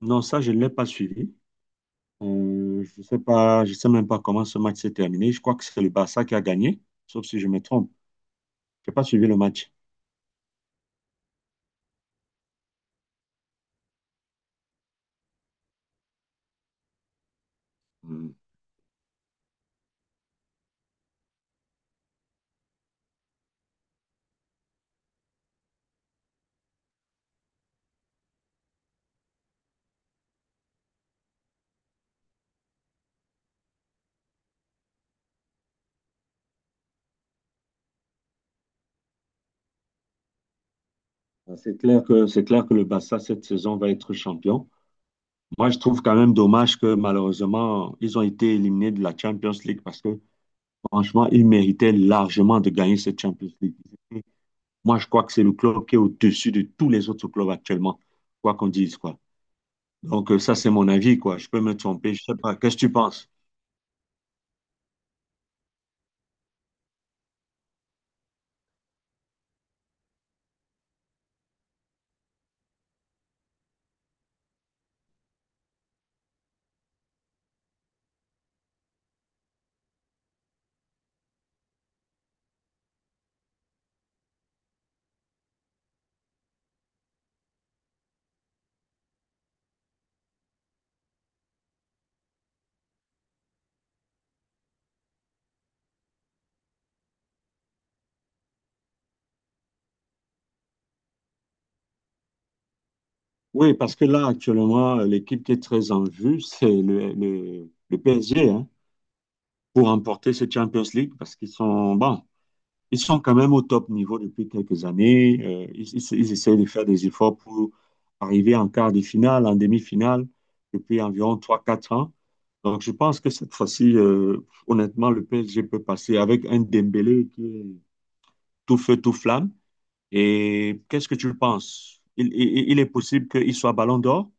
Non, ça, je ne l'ai pas suivi. Je sais pas, je sais même pas comment ce match s'est terminé. Je crois que c'est le Barça qui a gagné, sauf si je me trompe. Je n'ai pas suivi le match. Hmm. C'est clair que le Barça, cette saison, va être champion. Moi, je trouve quand même dommage que malheureusement, ils ont été éliminés de la Champions League parce que franchement, ils méritaient largement de gagner cette Champions League. Moi, je crois que c'est le club qui est au-dessus de tous les autres clubs actuellement, quoi qu'on dise, quoi. Donc, ça, c'est mon avis, quoi. Je peux me tromper, je sais pas. Qu'est-ce que tu penses? Oui, parce que là, actuellement, l'équipe qui est très en vue, c'est le PSG, hein, pour remporter ce Champions League, parce qu'ils sont, bon, ils sont quand même au top niveau depuis quelques années. Ils essaient de faire des efforts pour arriver en quart de finale, en demi-finale, depuis environ trois quatre ans. Donc, je pense que cette fois-ci, honnêtement, le PSG peut passer avec un Dembélé qui est tout feu, tout flamme. Et qu'est-ce que tu penses? Il est possible qu'il soit ballon d'or?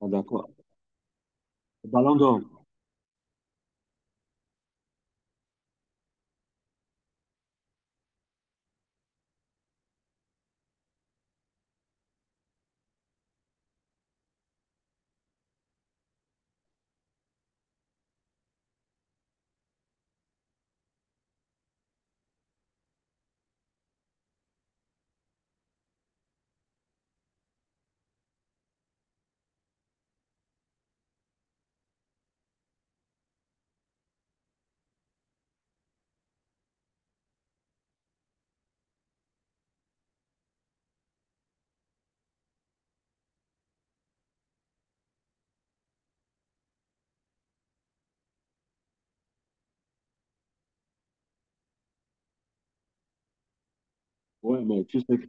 Ah, d'accord. Ballon d'Or. Ouais, mais tu sais, que-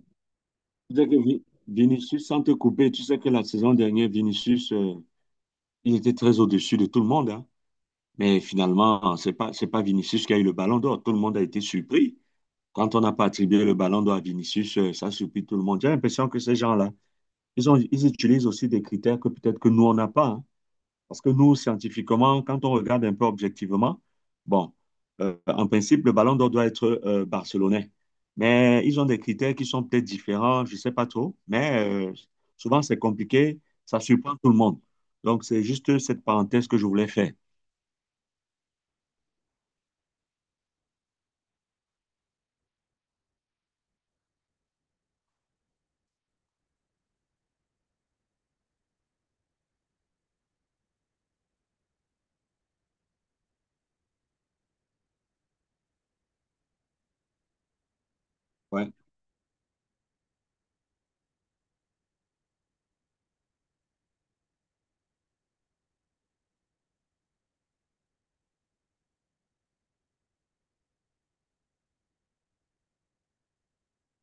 tu sais que Vinicius, sans te couper, tu sais que la saison dernière, Vinicius il était très au-dessus de tout le monde, hein. Mais finalement, c'est pas Vinicius qui a eu le ballon d'or. Tout le monde a été surpris. Quand on n'a pas attribué le ballon d'or à Vinicius, ça surpris tout le monde. J'ai l'impression que ces gens-là, ils utilisent aussi des critères que peut-être que nous, on n'a pas, hein. Parce que nous, scientifiquement, quand on regarde un peu objectivement, bon, en principe, le ballon d'or doit être barcelonais. Mais ils ont des critères qui sont peut-être différents, je ne sais pas trop. Mais souvent, c'est compliqué, ça surprend tout le monde. Donc, c'est juste cette parenthèse que je voulais faire. Ouais.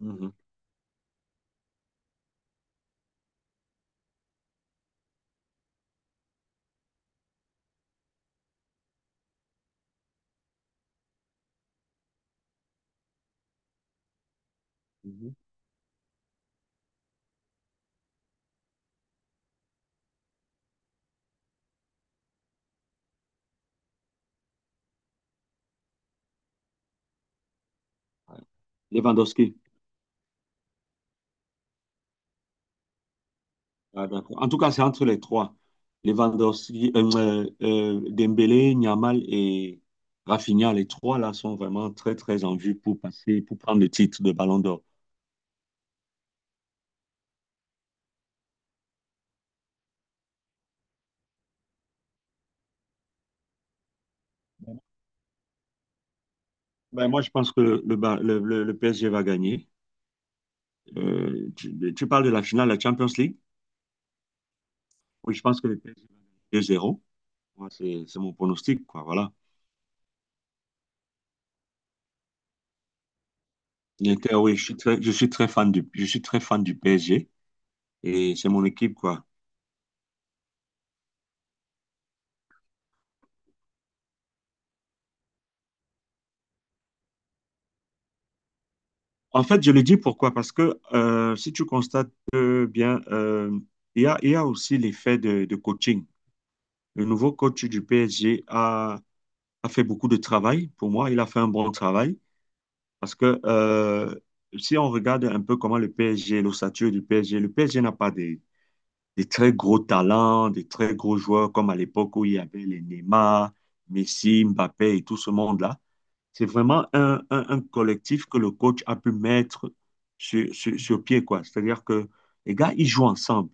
Mhm. Mhm. Ouais. Lewandowski. Ah, d'accord. En tout cas, c'est entre les trois. Lewandowski, Dembélé, Yamal et Rafinha, les trois là sont vraiment très très en vue pour passer, pour prendre le titre de Ballon d'Or. Ben, moi, je pense que le, Ba- le PSG va gagner. Tu parles de la finale de la Champions League? Oui, je pense que le PSG va gagner 2-0. Moi, c'est mon pronostic, quoi. Voilà. L'Inter, oui, je suis très fan je suis très fan du PSG et c'est mon équipe, quoi. En fait, je le dis pourquoi? Parce que si tu constates bien, il y a aussi l'effet de coaching. Le nouveau coach du PSG a fait beaucoup de travail. Pour moi, il a fait un bon travail parce que si on regarde un peu comment l'ossature du PSG, le PSG n'a pas des, des très gros talents, des très gros joueurs comme à l'époque où il y avait les Neymar, Messi, Mbappé et tout ce monde-là. C'est vraiment un collectif que le coach a pu mettre sur pied, quoi. C'est-à-dire que les gars, ils jouent ensemble.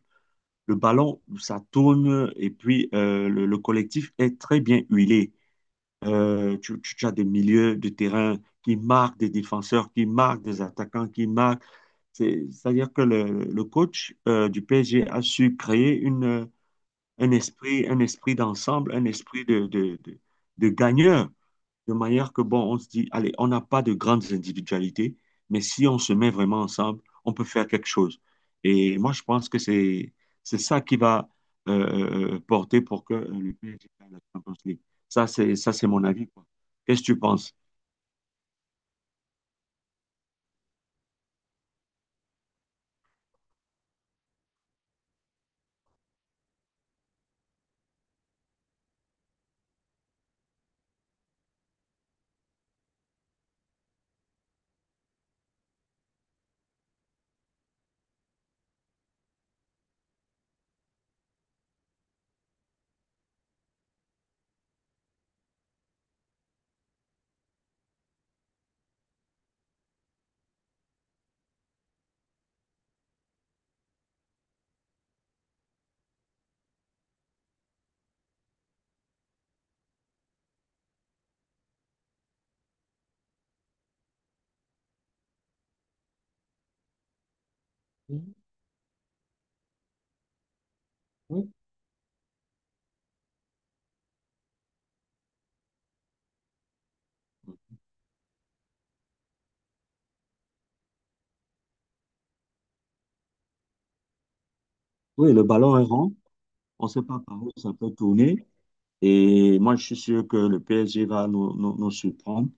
Le ballon, ça tourne et puis le collectif est très bien huilé. Tu as des milieux de terrain qui marquent, des défenseurs qui marquent, des attaquants qui marquent. C'est- C'est-à-dire que le coach du PSG a su créer un esprit d'ensemble, un esprit de gagneur de manière que, bon, on se dit, allez, on n'a pas de grandes individualités, mais si on se met vraiment ensemble, on peut faire quelque chose. Et moi, je pense que c'est ça qui va porter pour que le PSG gagne la Champions League. C'est mon avis, quoi. Qu'est-ce que tu penses? Oui. Oui, le ballon est rond. On ne sait pas par où ça peut tourner. Et moi, je suis sûr que le PSG va nous surprendre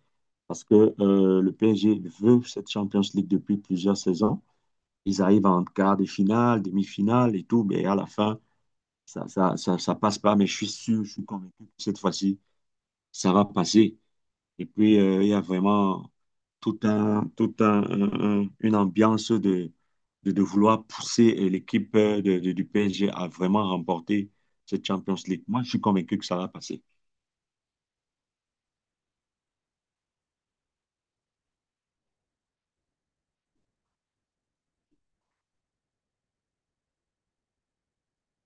parce que le PSG veut cette Champions League depuis plusieurs saisons. Ils arrivent en quart de finale, demi-finale et tout, mais à la fin, ça passe pas, mais je suis sûr, je suis convaincu que cette fois-ci, ça va passer. Et puis, il y a vraiment tout un- une ambiance de vouloir pousser l'équipe du PSG à vraiment remporter cette Champions League. Moi, je suis convaincu que ça va passer.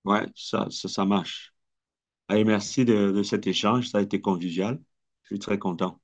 Ouais, ça marche. Allez, merci de cet échange, ça a été convivial. Je suis très content.